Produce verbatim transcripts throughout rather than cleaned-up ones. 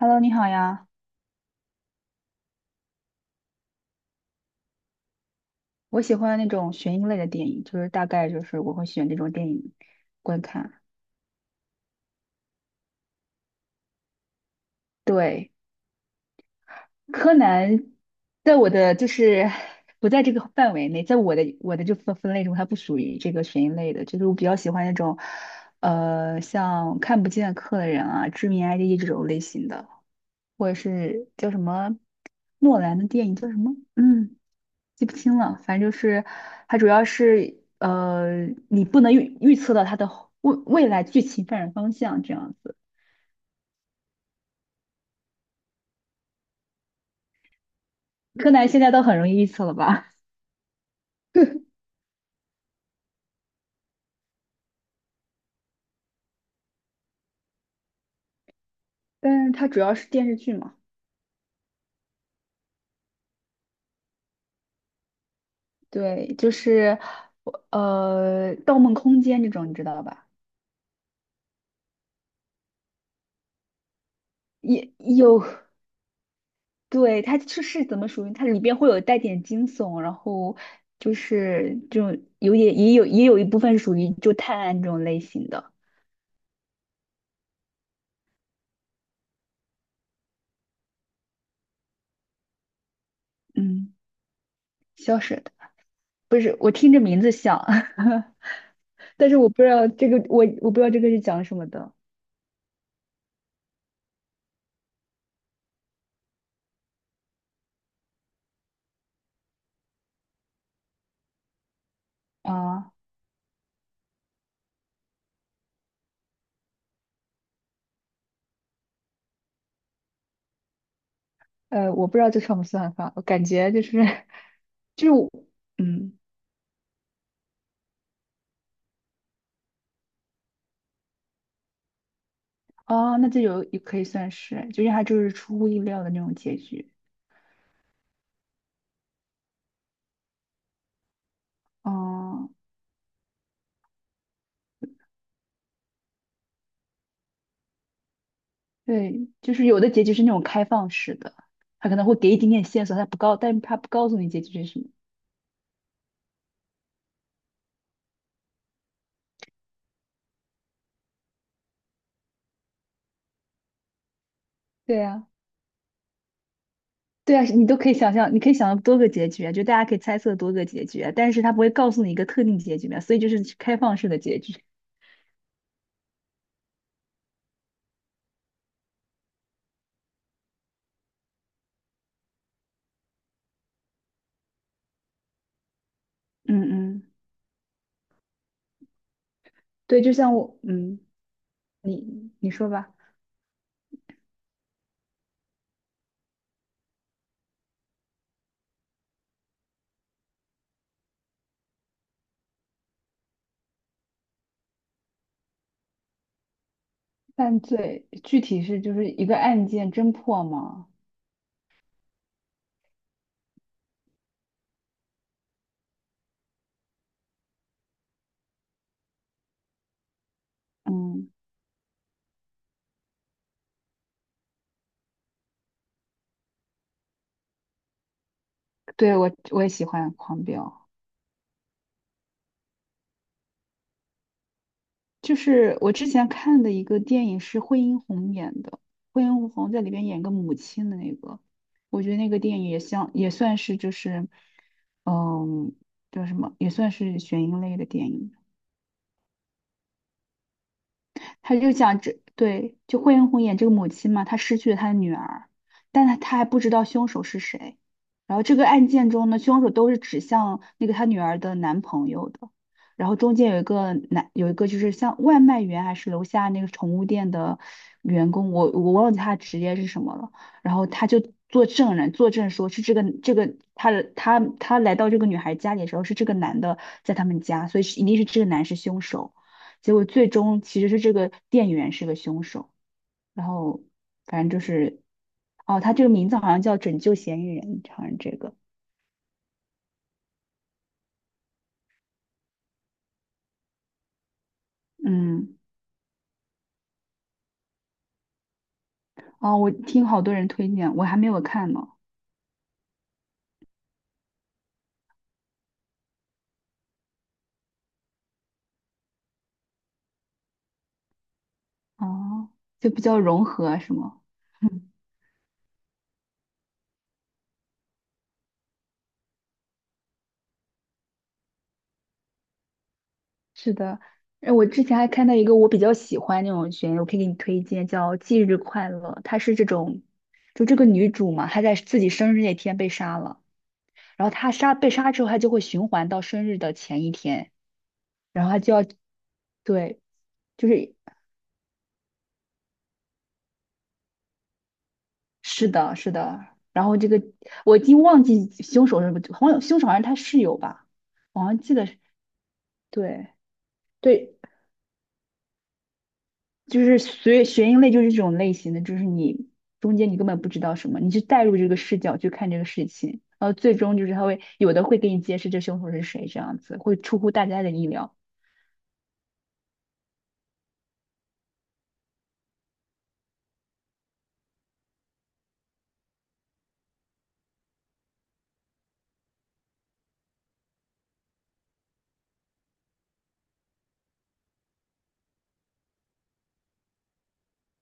Hello，你好呀。我喜欢那种悬疑类的电影，就是大概就是我会选这种电影观看。对，柯南在我的就是不在这个范围内，在我的我的这分分类中，它不属于这个悬疑类的，就是我比较喜欢那种呃像看不见的客人啊、致命 I D 这种类型的，或者是叫什么诺兰的电影叫什么？嗯。记不清了，反正就是它主要是呃，你不能预预测到它的后未未来剧情发展方向这样子。柯南现在都很容易预测了吧？但是它主要是电视剧嘛，对，就是我呃《盗梦空间》这种，你知道吧？也有，对，它就是怎么属于它里边会有带点惊悚，然后就是这种有点也有也有一部分属于就探案这种类型的，嗯，消失的。不是，我听着名字像，但是我不知道这个，我我不知道这个是讲什么的啊。呃，我不知道这算不算法，我感觉就是 就是我，嗯，哦，那这有也可以算是，就是它就是出乎意料的那种结局。哦，对，就是有的结局是那种开放式的，它可能会给一点点线索，它不告，但是它不告诉你结局是什么。对呀、对啊，你都可以想象，你可以想象多个结局啊，就大家可以猜测多个结局啊，但是他不会告诉你一个特定结局嘛，所以就是开放式的结局。嗯嗯，对，就像我，嗯，你你说吧。犯罪具体是就是一个案件侦破吗？嗯，对我我也喜欢狂飙。就是我之前看的一个电影是惠英红演的，惠英红在里边演个母亲的那个，我觉得那个电影也像也算是就是，嗯，叫什么，也算是悬疑类的电影。他就讲这对，就惠英红演这个母亲嘛，她失去了她的女儿，但她她还不知道凶手是谁。然后这个案件中呢，凶手都是指向那个她女儿的男朋友的。然后中间有一个男，有一个就是像外卖员还是楼下那个宠物店的员工，我我忘记他的职业是什么了。然后他就做证人，作证说是这个这个他的他他来到这个女孩家里的时候是这个男的在他们家，所以是一定是这个男是凶手。结果最终其实是这个店员是个凶手，然后反正就是，哦，他这个名字好像叫《拯救嫌疑人》，好像这个，嗯，哦，我听好多人推荐，我还没有看呢，哦，就比较融合是吗？嗯，是的，呃我之前还看到一个我比较喜欢那种悬疑，我可以给你推荐，叫《忌日快乐》，它是这种，就这个女主嘛，她在自己生日那天被杀了。然后她杀被杀之后，她就会循环到生日的前一天，然后他就要，对，就是是的，是的。然后这个我已经忘记凶手是不，好像凶手好像是他室友吧，我好像记得是，对对，就是悬悬疑类就是这种类型的，就是你中间你根本不知道什么，你就带入这个视角去看这个事情，然后最终就是他会有的会给你揭示这凶手是谁，这样子会出乎大家的意料。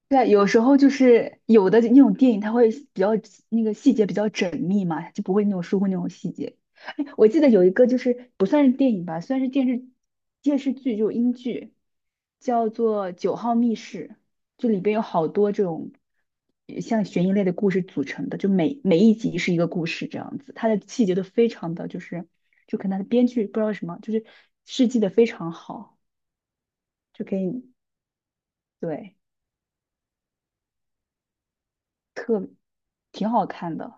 对啊，有时候就是有的那种电影，它会比较那个细节比较缜密嘛，就不会那种疏忽那种细节。哎，我记得有一个就是不算是电影吧，算是电视电视剧，就是英剧，叫做《九号密室》，就里边有好多这种呃像悬疑类的故事组成的，就每每一集是一个故事这样子，它的细节都非常的就是，就可能它的编剧不知道什么，就是设计的非常好，就可以。对，特挺好看的。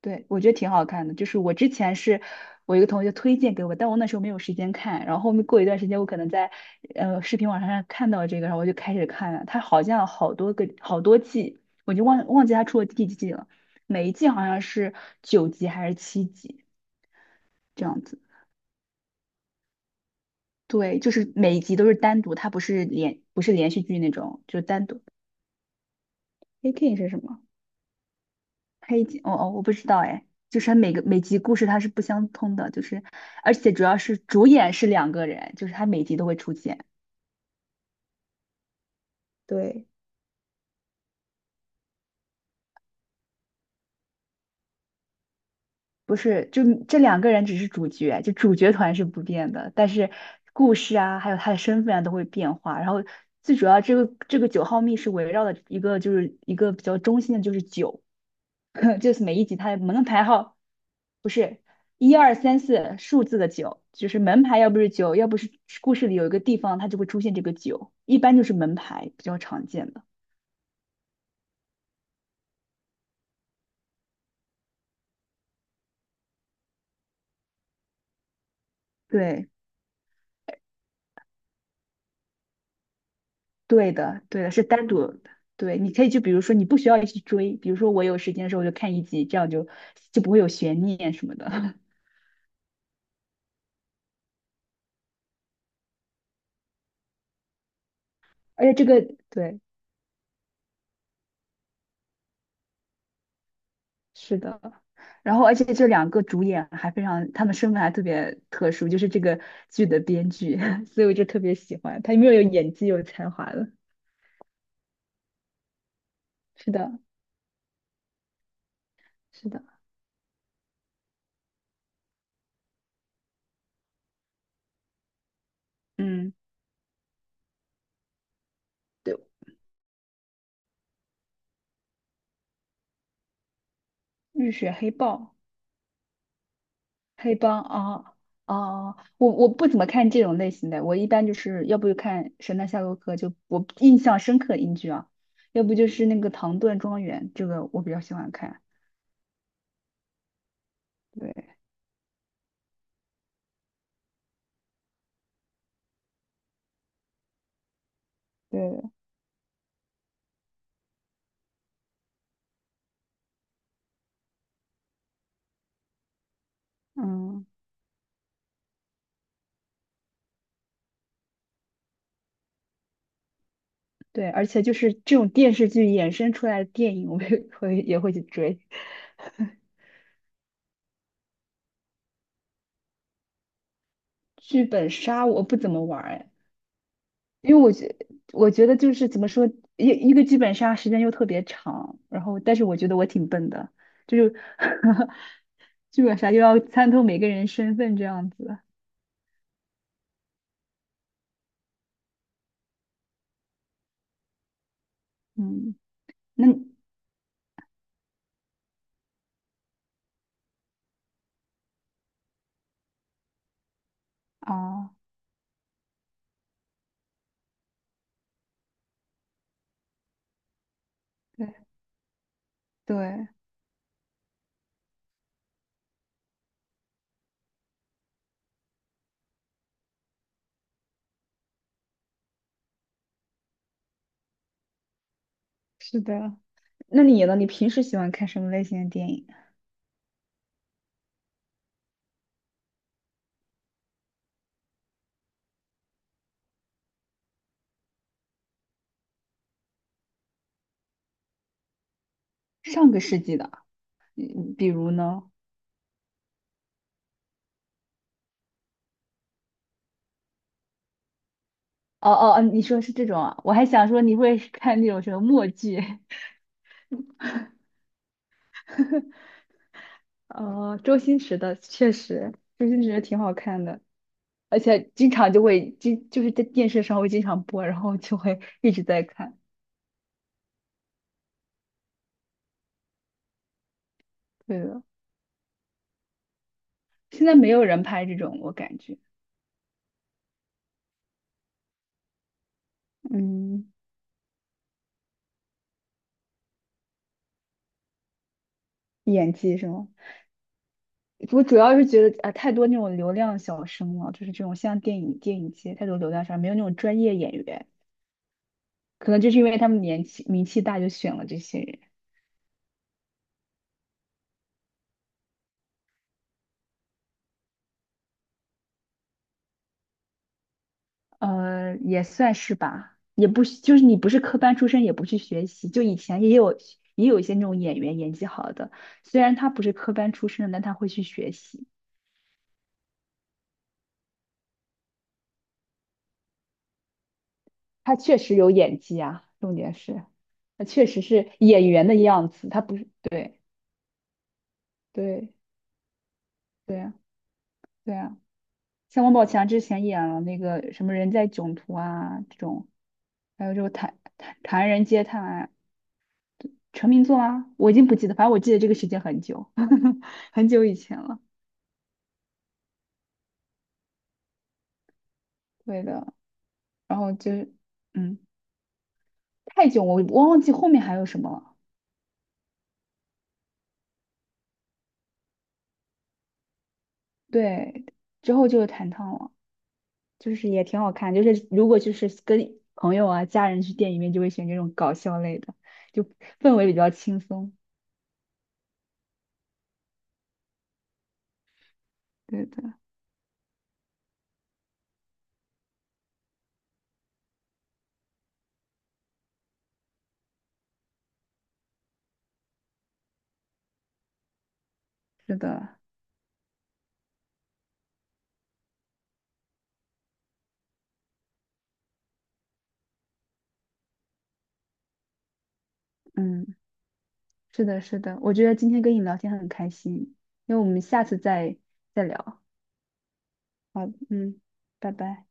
对，我觉得挺好看的。就是我之前是我一个同学推荐给我，但我那时候没有时间看。然后后面过一段时间，我可能在呃视频网站上看到这个，然后我就开始看了。它好像好多个好多季，我就忘忘记它出了第几季了。每一季好像是九集还是七集这样子。对，就是每一集都是单独，它不是连不是连续剧那种，就是单独。A K 是什么？黑集，哦哦，我不知道哎，就是它每个每集故事它是不相通的，就是而且主要是主演是两个人，就是他每集都会出现，对，不是就这两个人只是主角，就主角团是不变的，但是故事啊，还有他的身份啊都会变化。然后最主要这个这个九号密室围绕的一个就是一个比较中心的就是酒。就是每一集它的门牌号不是一二三四数字的九，就是门牌要不是九，要不是故事里有一个地方它就会出现这个九，一般就是门牌比较常见的。对，对的，对的，是单独的。对，你可以就比如说你不需要去追，比如说我有时间的时候我就看一集，这样就就不会有悬念什么的。而且这个对是的，然后而且这两个主演还非常，他们身份还特别特殊，就是这个剧的编剧，所以我就特别喜欢他，有为有演技，有才华了。是的，是的，嗯，对，浴血黑豹、黑帮啊啊，我我不怎么看这种类型的，我一般就是要不就看《神探夏洛克》，就我印象深刻的英剧啊，要不就是那个《唐顿庄园》，这个我比较喜欢看。对对，嗯。对，而且就是这种电视剧衍生出来的电影，我也会也会去追。剧本杀我不怎么玩儿哎，因为我觉我觉得就是怎么说，一一个剧本杀时间又特别长，然后但是我觉得我挺笨的，就是 剧本杀又要参透每个人身份这样子。嗯，那你啊，对对，是的。那你呢？你平时喜欢看什么类型的电影？上个世纪的，嗯比如呢？哦哦，哦，你说是这种啊？我还想说你会看那种什么默剧，哦，周星驰的确实，周星驰的挺好看的。而且经常就会经就是在电视上会经常播，然后就会一直在看。对的，现在没有人拍这种，我感觉。嗯，演技是吗？我主要是觉得啊、太多那种流量小生了，就是这种像电影电影界太多流量小生，没有那种专业演员，可能就是因为他们年纪名气大，就选了这些人。呃，也算是吧，也不是就是你不是科班出身，也不去学习，就以前也有也有一些那种演员演技好的，虽然他不是科班出身的但他会去学习，他确实有演技啊，重点是，他确实是演员的样子，他不是，对对对啊对啊，像王宝强之前演了那个什么《人在囧途》啊这种，还有这种《唐唐唐人街探案》成名作啊，我已经不记得，反正我记得这个时间很久，很久以前了。对的，然后就是，嗯，太囧，我我忘记后面还有什么了。对，之后就是弹唱了，就是也挺好看。就是如果就是跟朋友啊、家人去电影院，就会选这种搞笑类的，就氛围比较轻松。对的，是的，嗯，是的，是的。我觉得今天跟你聊天很开心，因为我们下次再再聊。好，嗯，拜拜。